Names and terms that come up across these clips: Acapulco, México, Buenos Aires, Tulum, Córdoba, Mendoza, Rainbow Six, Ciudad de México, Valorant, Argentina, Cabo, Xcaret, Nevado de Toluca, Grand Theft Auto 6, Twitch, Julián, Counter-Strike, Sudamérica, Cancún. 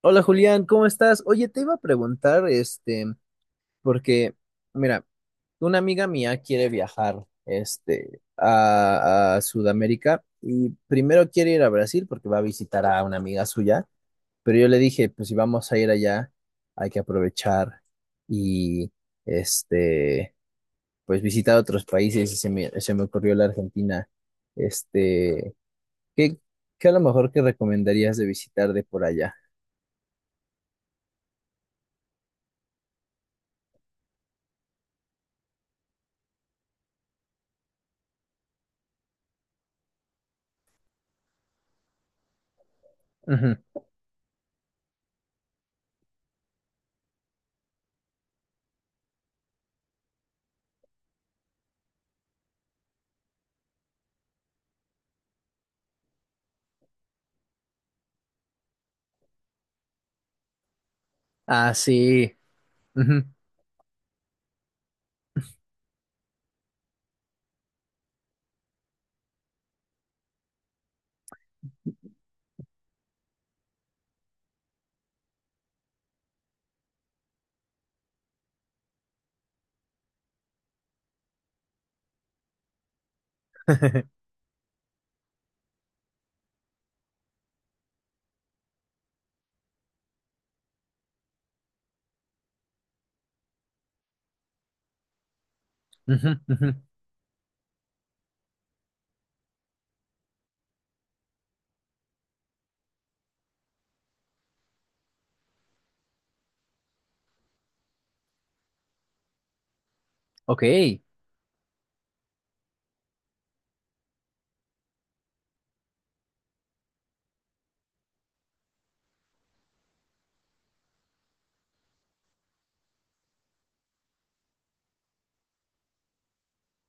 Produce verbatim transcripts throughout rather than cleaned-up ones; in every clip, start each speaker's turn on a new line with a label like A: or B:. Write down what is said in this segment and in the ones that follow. A: Hola Julián, ¿cómo estás? Oye, te iba a preguntar, este, porque, mira, una amiga mía quiere viajar, este, a, a Sudamérica y primero quiere ir a Brasil porque va a visitar a una amiga suya, pero yo le dije, pues si vamos a ir allá, hay que aprovechar y, este, pues visitar otros países y se me, se me ocurrió la Argentina. Este, ¿qué, qué a lo mejor que recomendarías de visitar de por allá? Ujú. Ah, sí. Ujú. Ujú, ujú. Ok.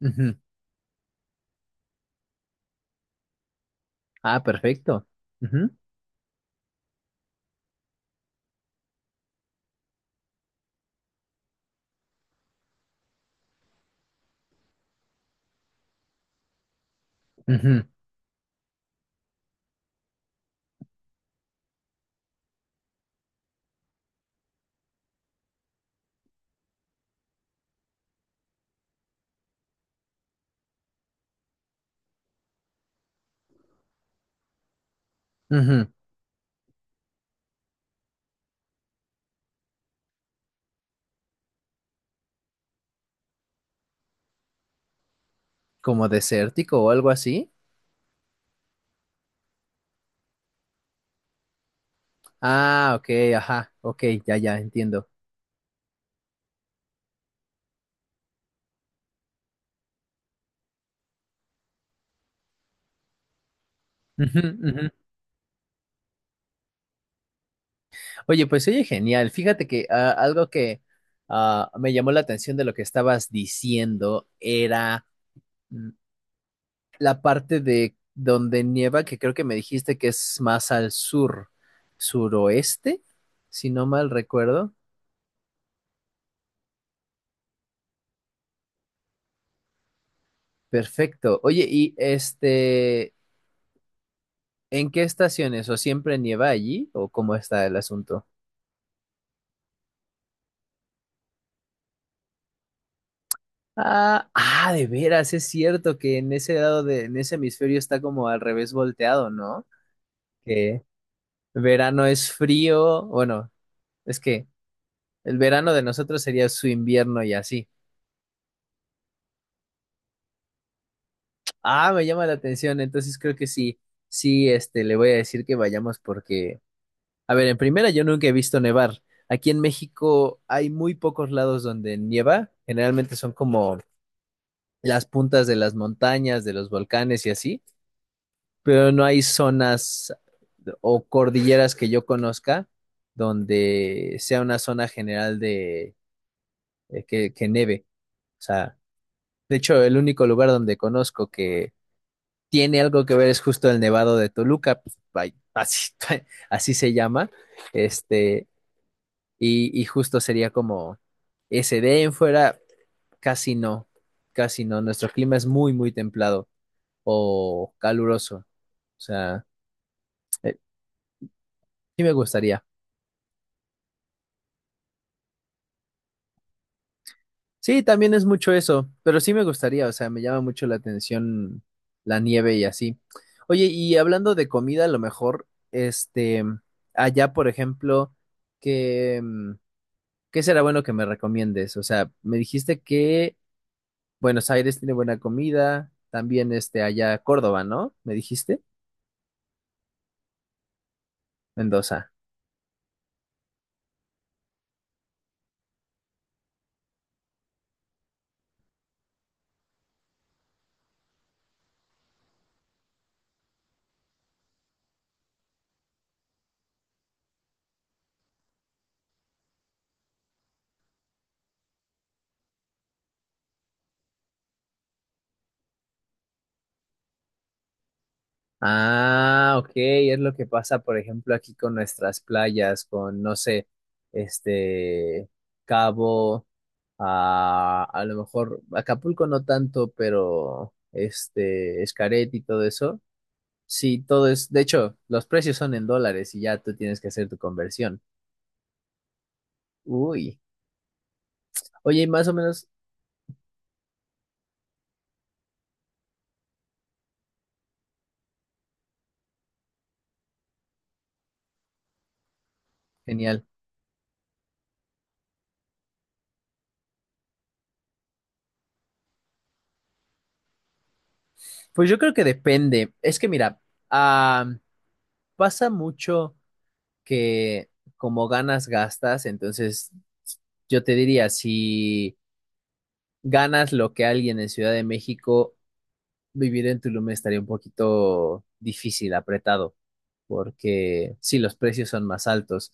A: Ujú. Ah, perfecto. Ujú, ujú, ujú. Como desértico o algo así. Ah, ok, ajá, ok, ya, ya, entiendo. Ujú, ujú. Oye, pues oye, genial. Fíjate que ah, algo que ah, me llamó la atención de lo que estabas diciendo era mm, la parte de donde nieva, que creo que me dijiste que es más al sur, suroeste, si no mal recuerdo. Perfecto. Oye, y este, ¿en qué estaciones? ¿O siempre nieva allí? ¿O cómo está el asunto? Ah, ah, de veras, es cierto que en ese lado de, en ese hemisferio está como al revés volteado, ¿no? Que verano es frío, bueno, es que el verano de nosotros sería su invierno y así. Ah, me llama la atención, entonces creo que sí, sí, este, le voy a decir que vayamos porque a ver, en primera yo nunca he visto nevar. Aquí en México hay muy pocos lados donde nieva. Generalmente son como las puntas de las montañas, de los volcanes y así, pero no hay zonas o cordilleras que yo conozca donde sea una zona general de eh, que, que neve. O sea, de hecho, el único lugar donde conozco que tiene algo que ver es justo el Nevado de Toluca, pues, ay, así, así se llama. Este, Y, y justo sería como ese de ahí en fuera, casi no, casi no. Nuestro clima es muy, muy templado o caluroso. O sea, eh, sí me gustaría. Sí, también es mucho eso, pero sí me gustaría. O sea, me llama mucho la atención la nieve y así. Oye, y hablando de comida, a lo mejor, este, allá, por ejemplo, qué mm, ¿qué será bueno que me recomiendes? O sea, me dijiste que Buenos Aires tiene buena comida, también este allá Córdoba, ¿no? ¿Me dijiste? Mendoza. Ah, ok, es lo que pasa, por ejemplo, aquí con nuestras playas, con, no sé, este, Cabo, a, a lo mejor Acapulco no tanto, pero este, Xcaret y todo eso. Sí, todo es, de hecho, los precios son en dólares y ya tú tienes que hacer tu conversión. Uy, oye, y más o menos, genial. Pues yo creo que depende. Es que mira, ah, pasa mucho que como ganas, gastas. Entonces, yo te diría, si ganas lo que alguien en Ciudad de México, vivir en Tulum estaría un poquito difícil, apretado, porque sí, los precios son más altos.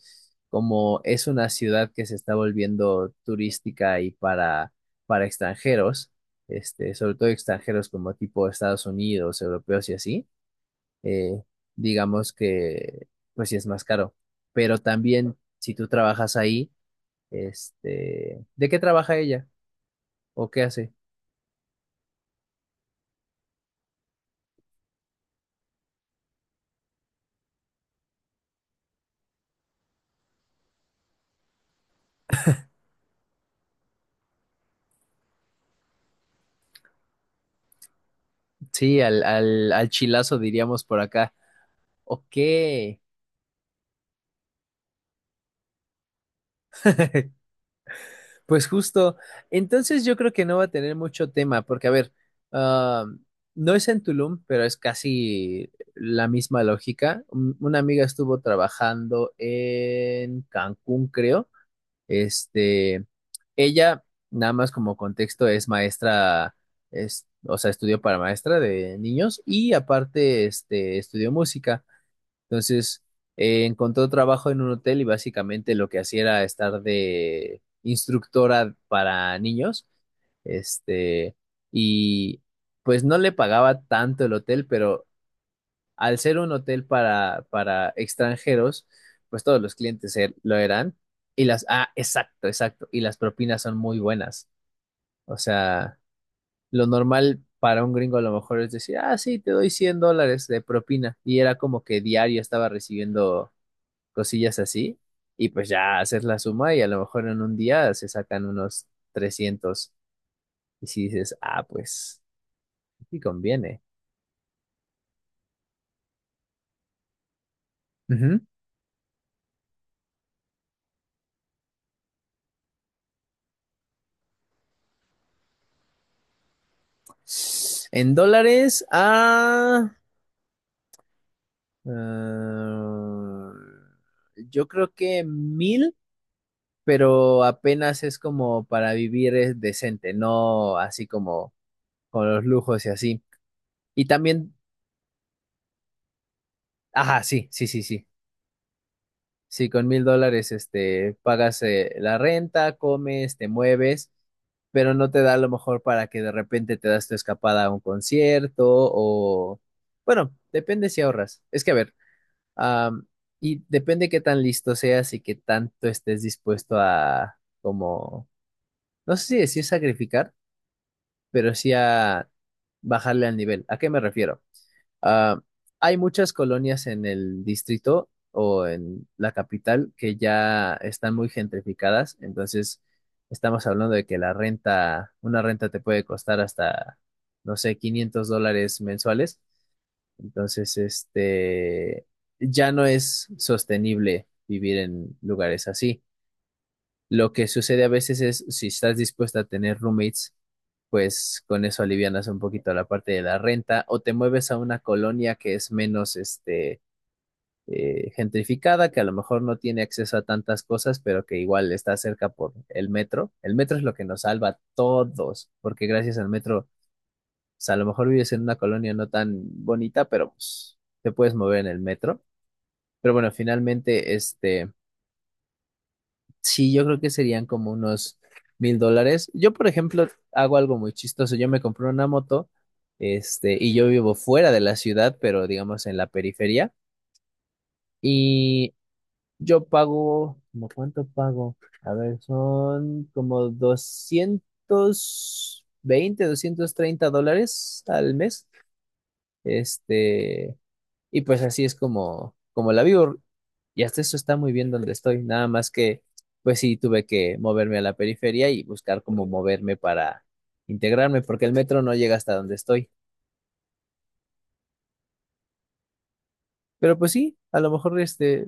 A: Como es una ciudad que se está volviendo turística y para, para extranjeros, este, sobre todo extranjeros como tipo Estados Unidos, europeos y así eh, digamos que pues sí es más caro. Pero también si tú trabajas ahí, este, ¿de qué trabaja ella? ¿O qué hace? Sí, al, al, al chilazo diríamos por acá. Ok, pues justo. Entonces yo creo que no va a tener mucho tema, porque a ver, ah, no es en Tulum, pero es casi la misma lógica. Un- Una amiga estuvo trabajando en Cancún, creo. Este, ella, nada más como contexto, es maestra, es, o sea, estudió para maestra de niños y aparte, este, estudió música. Entonces, eh, encontró trabajo en un hotel y básicamente lo que hacía era estar de instructora para niños, este, y pues no le pagaba tanto el hotel, pero al ser un hotel para, para extranjeros, pues todos los clientes er- lo eran. Y las, ah, exacto, exacto. Y las propinas son muy buenas. O sea, lo normal para un gringo a lo mejor es decir, ah, sí, te doy cien dólares de propina. Y era como que diario estaba recibiendo cosillas así. Y pues ya haces la suma y a lo mejor en un día se sacan unos trescientos. Y si dices, ah, pues sí conviene. Ujú. En dólares, ah. Ah, yo creo que mil, pero apenas es como para vivir es decente, no así como con los lujos y así. Y también, ajá, sí, sí, sí, sí. Sí, con mil dólares, este, pagas eh, la renta, comes, te mueves, pero no te da a lo mejor para que de repente te das tu escapada a un concierto o, bueno, depende si ahorras. Es que a ver. Am, y depende qué tan listo seas y qué tanto estés dispuesto a, como, no sé si decir sacrificar, pero sí a bajarle al nivel. ¿A qué me refiero? Ah, hay muchas colonias en el distrito o en la capital que ya están muy gentrificadas, entonces estamos hablando de que la renta, una renta te puede costar hasta, no sé, quinientos dólares mensuales. Entonces, este, ya no es sostenible vivir en lugares así. Lo que sucede a veces es, si estás dispuesta a tener roommates, pues con eso alivianas un poquito la parte de la renta o te mueves a una colonia que es menos, este, eh, gentrificada, que a lo mejor no tiene acceso a tantas cosas, pero que igual está cerca por el metro. El metro es lo que nos salva a todos, porque gracias al metro o sea, a lo mejor vives en una colonia no tan bonita, pero pues te puedes mover en el metro. Pero bueno, finalmente, este, sí, yo creo que serían como unos mil dólares. Yo, por ejemplo, hago algo muy chistoso. Yo me compré una moto, este, y yo vivo fuera de la ciudad, pero digamos en la periferia. Y yo pago, ¿cómo cuánto pago? A ver, son como doscientos veinte doscientos treinta dólares al mes. Este, Y pues así es como, como la vivo. Y hasta eso está muy bien donde estoy. Nada más que, pues sí, tuve que moverme a la periferia y buscar cómo moverme para integrarme, porque el metro no llega hasta donde estoy. Pero pues sí, a lo mejor este,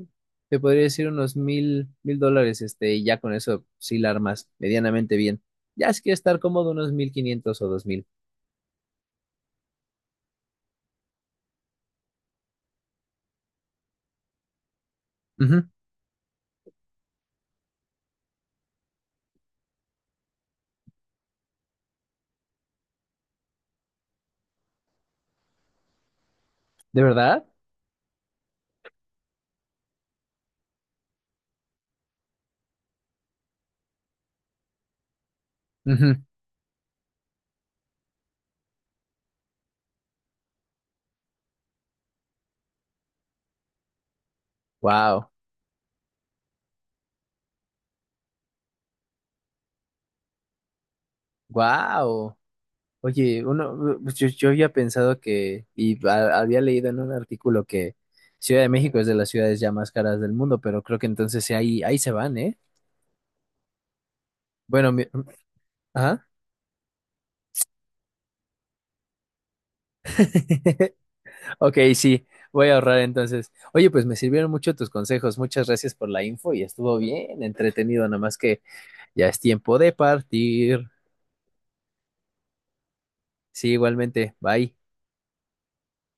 A: te podría decir unos mil, mil dólares, este, y ya con eso sí la armas medianamente bien. Ya si quieres estar cómodo, unos mil quinientos o dos mil. Ujú. ¿De verdad? Ujú. Wow, wow. Oye, uno, pues, yo, yo había pensado que, y a- había leído en un artículo que Ciudad de México es de las ciudades ya más caras del mundo, pero creo que entonces sí, ahí, ahí se van, ¿eh? Bueno, mi- ajá. Ok, sí, voy a ahorrar entonces. Oye, pues me sirvieron mucho tus consejos. Muchas gracias por la info y estuvo bien entretenido, nada más que ya es tiempo de partir. Sí, igualmente. Bye.